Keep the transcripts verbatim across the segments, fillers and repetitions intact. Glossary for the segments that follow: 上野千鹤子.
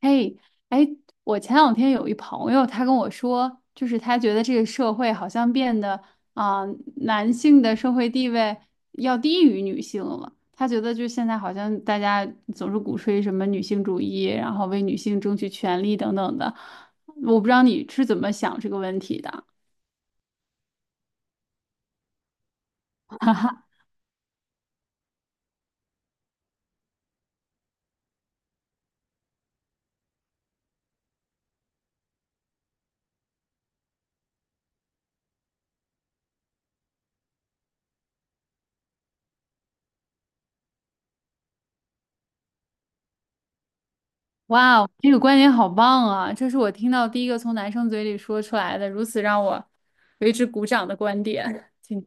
嘿，哎，我前两天有一朋友，他跟我说，就是他觉得这个社会好像变得啊、男性的社会地位要低于女性了。他觉得就现在好像大家总是鼓吹什么女性主义，然后为女性争取权利等等的。我不知道你是怎么想这个问题的。哇哦，这个观点好棒啊！这是我听到第一个从男生嘴里说出来的，如此让我为之鼓掌的观点。请。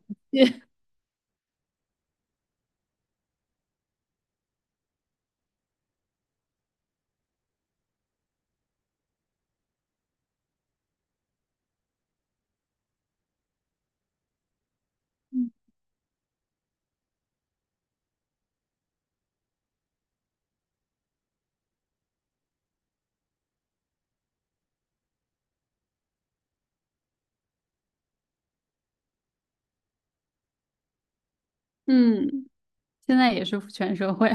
嗯，现在也是全社会。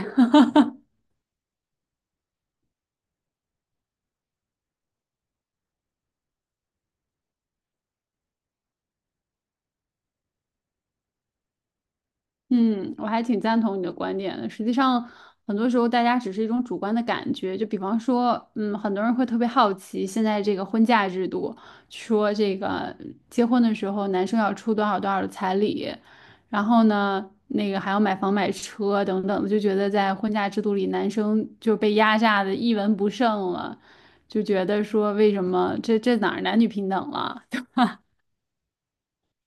嗯，我还挺赞同你的观点的。实际上，很多时候大家只是一种主观的感觉。就比方说，嗯，很多人会特别好奇现在这个婚嫁制度，说这个结婚的时候男生要出多少多少的彩礼，然后呢，那个还要买房买车等等，就觉得在婚嫁制度里，男生就被压榨的一文不剩了，就觉得说为什么这这哪儿男女平等了？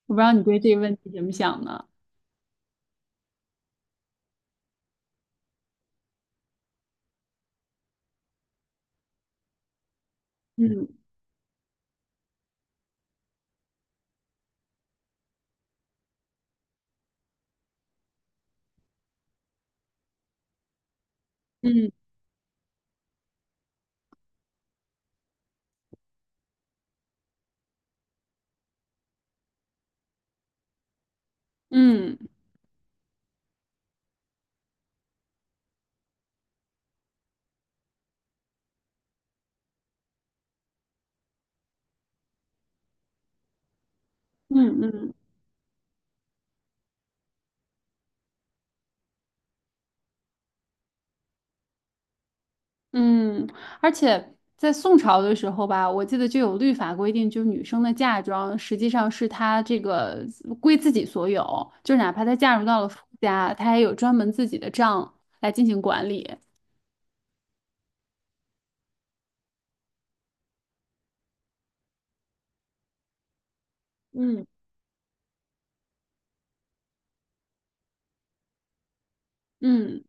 我不知道你对这个问题怎么想呢？嗯嗯嗯嗯嗯。嗯嗯，而且在宋朝的时候吧，我记得就有律法规定，就是女生的嫁妆实际上是她这个归自己所有，就哪怕她嫁入到了夫家，她也有专门自己的账来进行管理。嗯，嗯。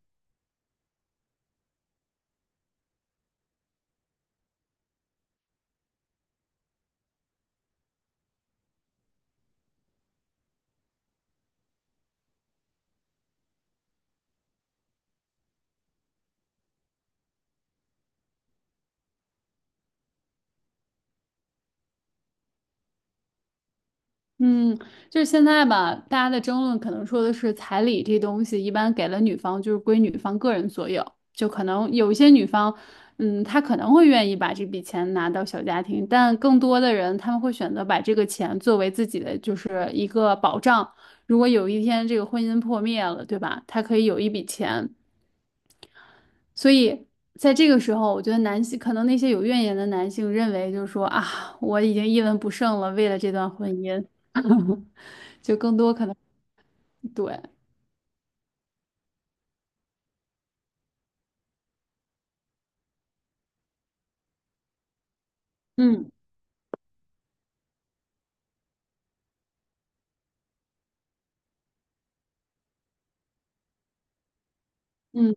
嗯，就是现在吧，大家的争论可能说的是彩礼这东西一般给了女方就是归女方个人所有，就可能有一些女方，嗯，她可能会愿意把这笔钱拿到小家庭，但更多的人他们会选择把这个钱作为自己的就是一个保障，如果有一天这个婚姻破灭了，对吧？她可以有一笔钱。所以在这个时候，我觉得男性可能那些有怨言的男性认为，就是说啊，我已经一文不剩了，为了这段婚姻，就更多可能对，嗯嗯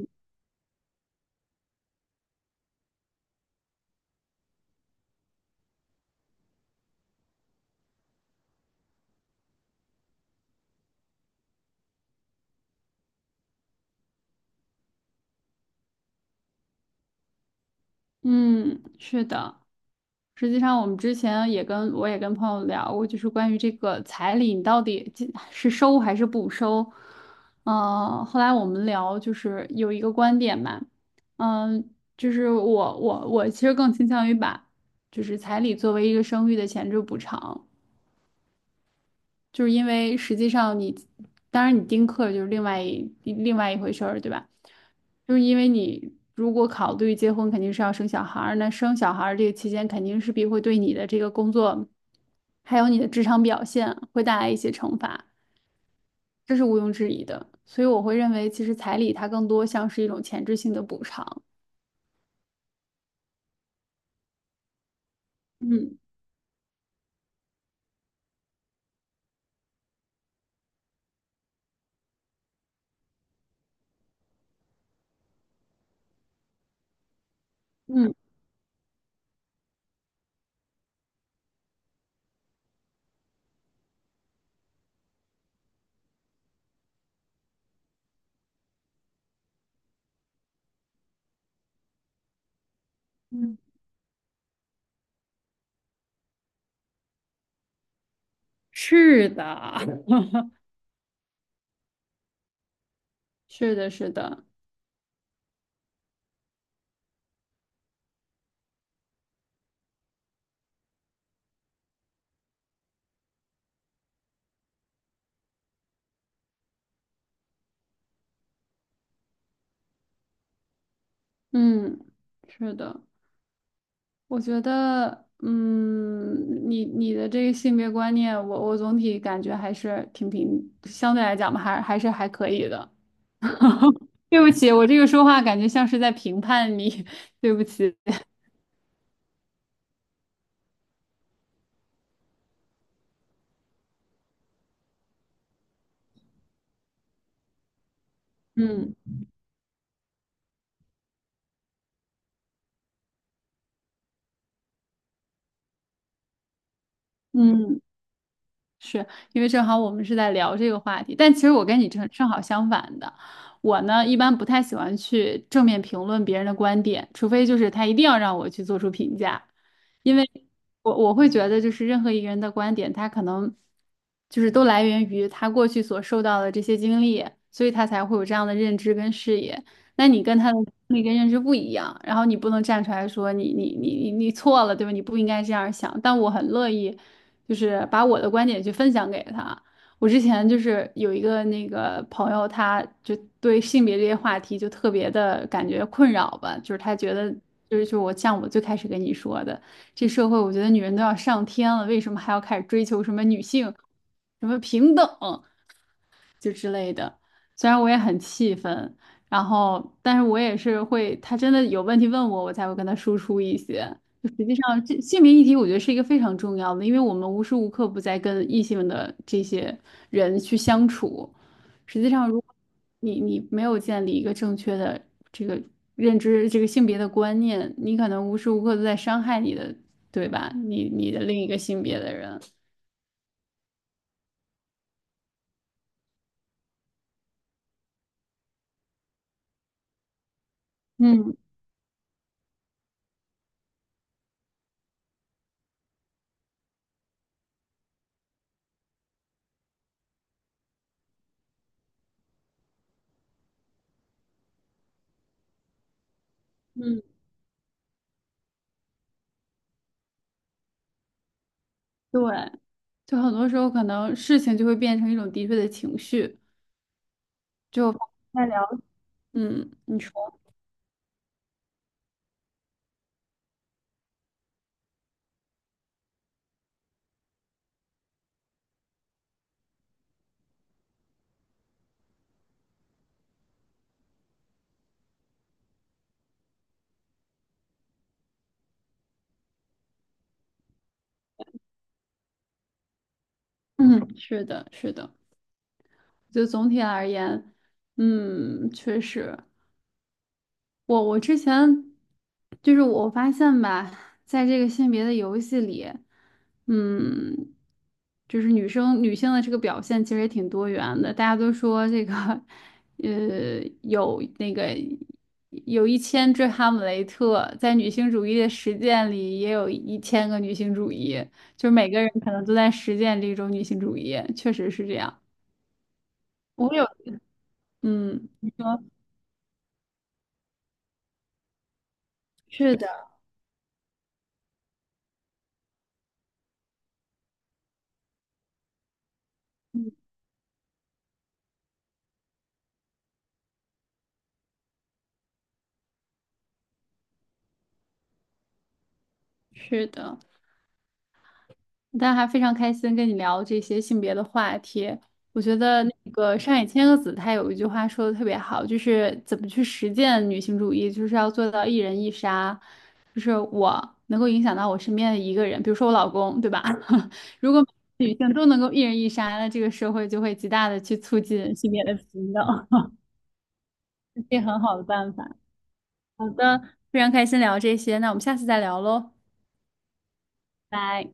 嗯，是的。实际上，我们之前也跟我也跟朋友聊过，就是关于这个彩礼，你到底进是收还是不收？嗯、后来我们聊，就是有一个观点嘛，嗯、就是我我我其实更倾向于把就是彩礼作为一个生育的前置补偿，就是因为实际上你，当然你丁克就是另外一另外一回事儿，对吧？就是因为你如果考虑结婚，肯定是要生小孩儿，那生小孩儿这个期间肯定势必会对你的这个工作，还有你的职场表现会带来一些惩罚，这是毋庸置疑的。所以我会认为，其实彩礼它更多像是一种前置性的补偿。嗯嗯，嗯，是的，是的，是的，嗯，是的。我觉得，嗯，你你的这个性别观念，我我总体感觉还是挺平，相对来讲吧，还还是还可以的。对不起，我这个说话感觉像是在评判你，对不起。嗯嗯。是因为正好我们是在聊这个话题，但其实我跟你正正好相反的，我呢一般不太喜欢去正面评论别人的观点，除非就是他一定要让我去做出评价，因为我我会觉得就是任何一个人的观点，他可能就是都来源于他过去所受到的这些经历，所以他才会有这样的认知跟视野。那你跟他的经历跟认知不一样，然后你不能站出来说你你你你你错了，对吧？你不应该这样想，但我很乐意。就是把我的观点去分享给他。我之前就是有一个那个朋友，他就对性别这些话题就特别的感觉困扰吧，就是他觉得就是就我像我最开始跟你说的，这社会我觉得女人都要上天了，为什么还要开始追求什么女性，什么平等？就之类的。虽然我也很气愤，然后但是我也是会，他真的有问题问我，我才会跟他输出一些。就实际上，这性别议题我觉得是一个非常重要的，因为我们无时无刻不在跟异性的这些人去相处。实际上，如果你你没有建立一个正确的这个认知，这个性别的观念，你可能无时无刻都在伤害你的，对吧？你你的另一个性别的人。嗯嗯，对。就很多时候可能事情就会变成一种敌对的情绪，就在聊，嗯，你说，嗯，是的，是的，就总体而言，嗯，确实。我我之前就是我发现吧，在这个性别的游戏里，嗯，就是女生女性的这个表现其实也挺多元的。大家都说这个，呃，有那个有一千只哈姆雷特，在女性主义的实践里也有一千个女性主义，就是每个人可能都在实践这种女性主义，确实是这样。我有，嗯，你说是的，是的。大家还非常开心跟你聊这些性别的话题。我觉得嗯那个上野千鹤子她有一句话说的特别好，就是怎么去实践女性主义，就是要做到一人一杀，就是我能够影响到我身边的一个人，比如说我老公，对吧？如果女性都能够一人一杀，那这个社会就会极大的去促进性别的平等，这很好的办法。好的，非常开心聊这些，那我们下次再聊喽，拜。